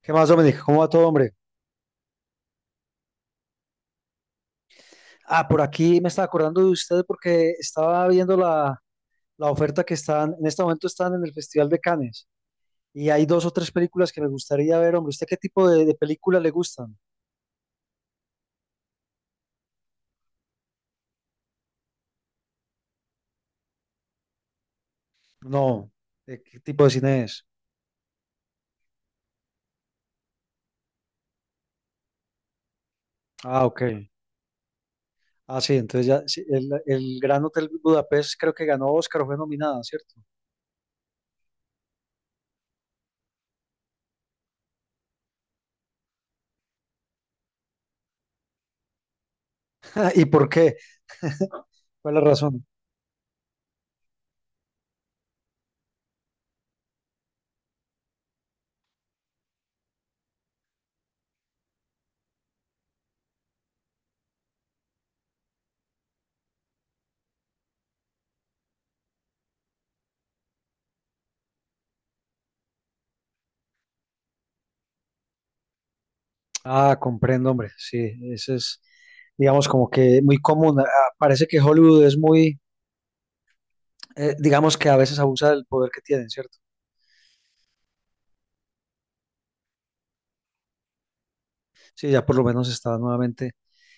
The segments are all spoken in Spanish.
¿Qué más, Dominic? ¿Cómo va todo, hombre? Ah, por aquí me estaba acordando de usted porque estaba viendo la oferta que están, en este momento están en el Festival de Cannes y hay dos o tres películas que me gustaría ver, hombre. ¿Usted qué tipo de películas le gustan? No, ¿de ¿qué tipo de cine es? Ah, ok. Ah, sí, entonces ya, sí, el Gran Hotel Budapest creo que ganó Oscar, o fue nominada, ¿cierto? ¿Y por qué? ¿Cuál es la razón? Ah, comprendo, hombre. Sí, ese es, digamos, como que muy común. Ah, parece que Hollywood es muy digamos que a veces abusa del poder que tienen, ¿cierto? Sí, ya por lo menos está nuevamente.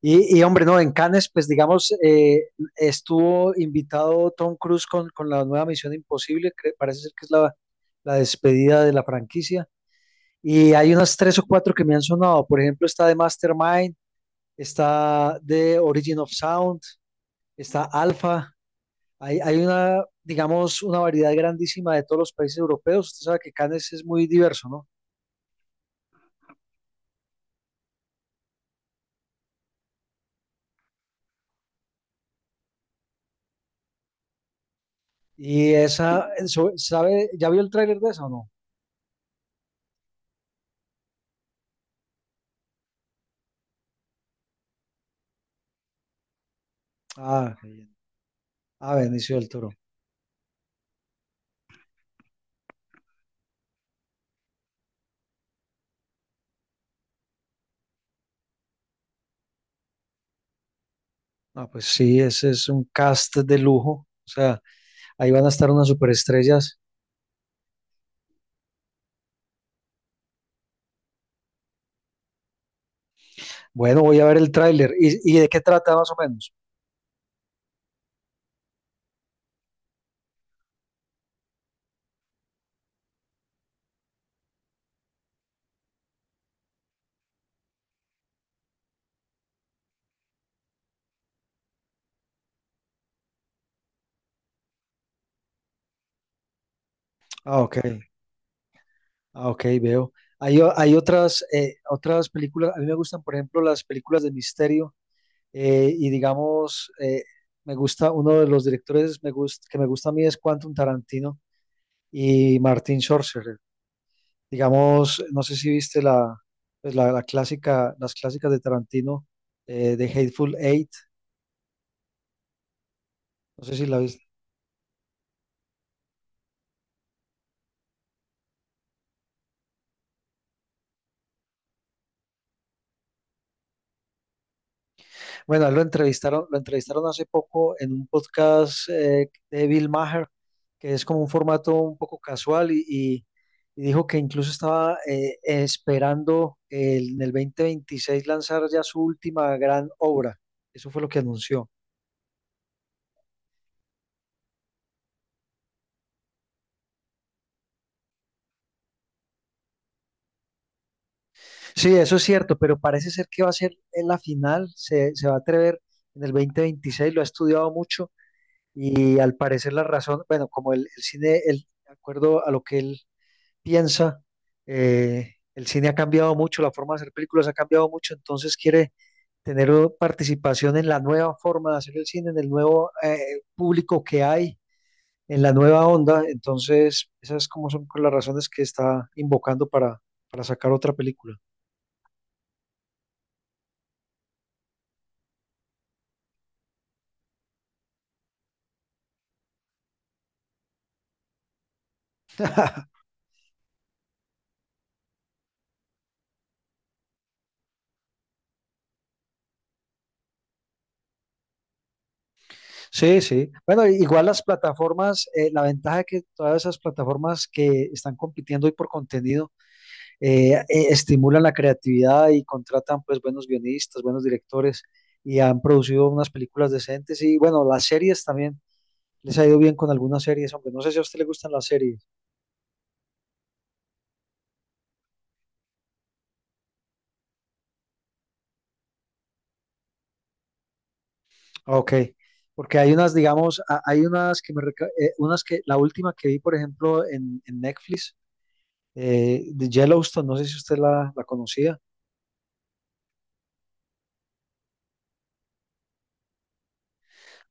Hombre, no, en Cannes, pues digamos, estuvo invitado Tom Cruise con la nueva Misión Imposible, que parece ser que es la despedida de la franquicia. Y hay unas tres o cuatro que me han sonado. Por ejemplo, está de Mastermind, está de Origin of Sound, está Alpha. Hay una, digamos, una variedad grandísima de todos los países europeos. Usted sabe que Cannes es muy diverso, ¿no? Y esa, ¿sabe? ¿Ya vio el tráiler de esa o no? Ah, a Benicio del Toro. Ah, pues sí, ese es un cast de lujo. O sea, ahí van a estar unas superestrellas. Bueno, voy a ver el tráiler. ¿Y de qué trata más o menos? Ah, ok. Ah, ok, veo. Hay, hay otras, otras películas. A mí me gustan, por ejemplo, las películas de misterio, y digamos, me gusta, uno de los directores que me gusta a mí es Quentin Tarantino y Martin Scorsese. Digamos, no sé si viste pues la clásica, las clásicas de Tarantino, de Hateful Eight, no sé si la viste. Bueno, lo entrevistaron hace poco en un podcast de Bill Maher, que es como un formato un poco casual y dijo que incluso estaba esperando en el 2026 lanzar ya su última gran obra. Eso fue lo que anunció. Sí, eso es cierto, pero parece ser que va a ser en la final, se va a atrever en el 2026, lo ha estudiado mucho y al parecer la razón, bueno, como el cine, de acuerdo a lo que él piensa, el cine ha cambiado mucho, la forma de hacer películas ha cambiado mucho, entonces quiere tener participación en la nueva forma de hacer el cine, en el nuevo público que hay, en la nueva onda, entonces esas como son las razones que está invocando para sacar otra película. Sí, sí. Bueno, igual las plataformas, la ventaja es que todas esas plataformas que están compitiendo hoy por contenido eh, eh, estimulan la creatividad y contratan pues buenos guionistas, buenos directores y han producido unas películas decentes y bueno, las series también les ha ido bien con algunas series, aunque no sé si a usted le gustan las series. Ok, porque hay unas, digamos, hay unas que unas que, la última que vi, por ejemplo, en Netflix, de Yellowstone, no sé si usted la conocía.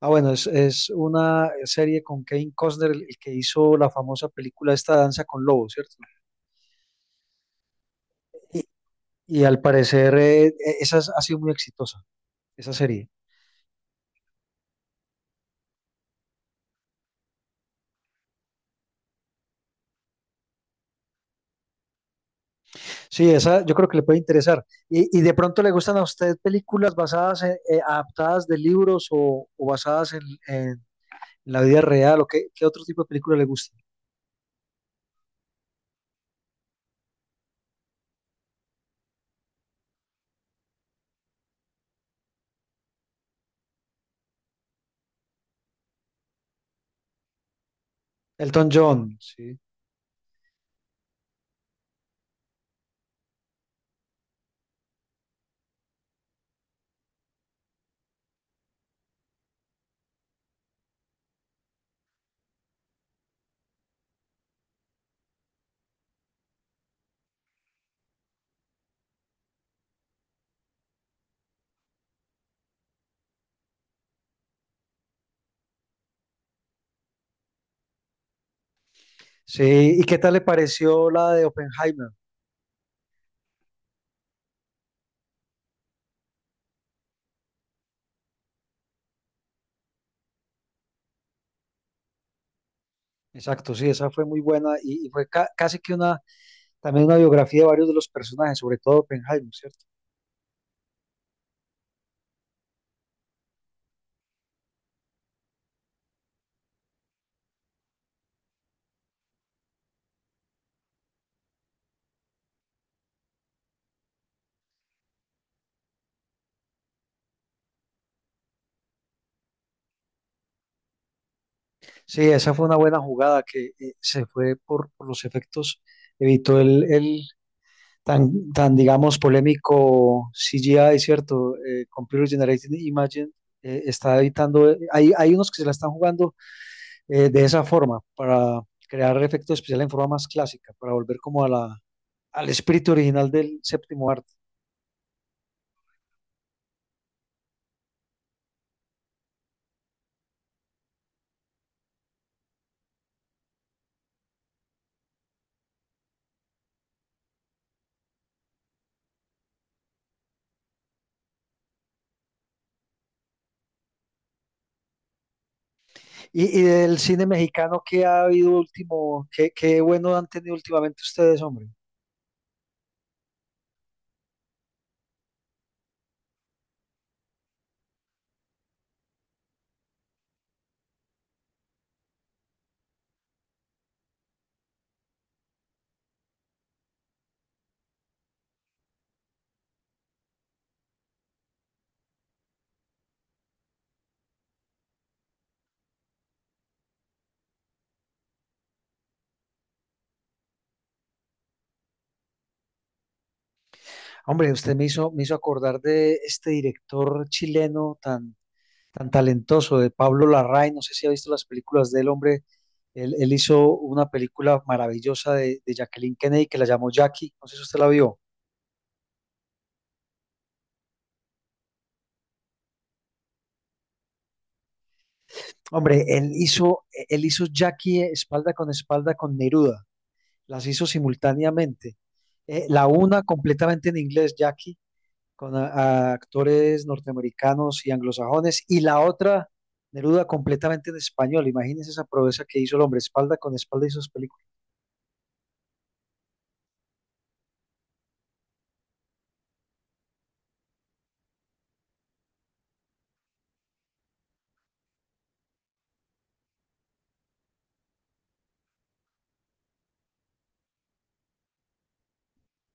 Ah, bueno, es una serie con Kevin Costner, el que hizo la famosa película esta Danza con Lobos, ¿cierto? Y, y al parecer ha sido muy exitosa, esa serie. Sí, esa yo creo que le puede interesar. Y de pronto le gustan a usted películas basadas, adaptadas de libros o basadas en la vida real, o qué, ¿qué otro tipo de película le gusta? Elton John, sí. Sí, ¿y qué tal le pareció la de Oppenheimer? Exacto, sí, esa fue muy buena y fue casi que una. También una biografía de varios de los personajes, sobre todo Oppenheimer, ¿cierto? Sí, esa fue una buena jugada que, se fue por los efectos, evitó el tan, tan, digamos, polémico CGI, ¿cierto? Computer Generated Image, está evitando, hay unos que se la están jugando, de esa forma, para crear efectos especiales en forma más clásica, para volver como a al espíritu original del séptimo arte. Y del cine mexicano que ha habido último, qué, qué bueno han tenido últimamente ustedes, hombre. Hombre, usted me hizo acordar de este director chileno tan, tan talentoso, de Pablo Larraín. No sé si ha visto las películas del hombre. Él hizo una película maravillosa de Jacqueline Kennedy que la llamó Jackie. No sé si usted la vio. Hombre, él hizo Jackie espalda con Neruda. Las hizo simultáneamente. La una completamente en inglés, Jackie, con a actores norteamericanos y anglosajones, y la otra, Neruda, completamente en español. Imagínense esa proeza que hizo el hombre, espalda con espalda hizo sus películas.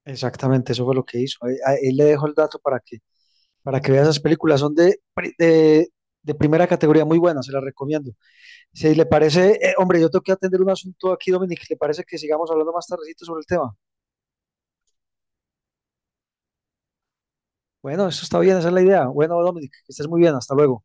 Exactamente, eso fue lo que hizo. Ahí le dejo el dato para que vea esas películas. Son de, de primera categoría, muy buenas, se las recomiendo. Si le parece, hombre, yo tengo que atender un asunto aquí, Dominic, ¿le parece que sigamos hablando más tardecito sobre el tema? Bueno, eso está bien, esa es la idea. Bueno, Dominic, que estés muy bien, hasta luego.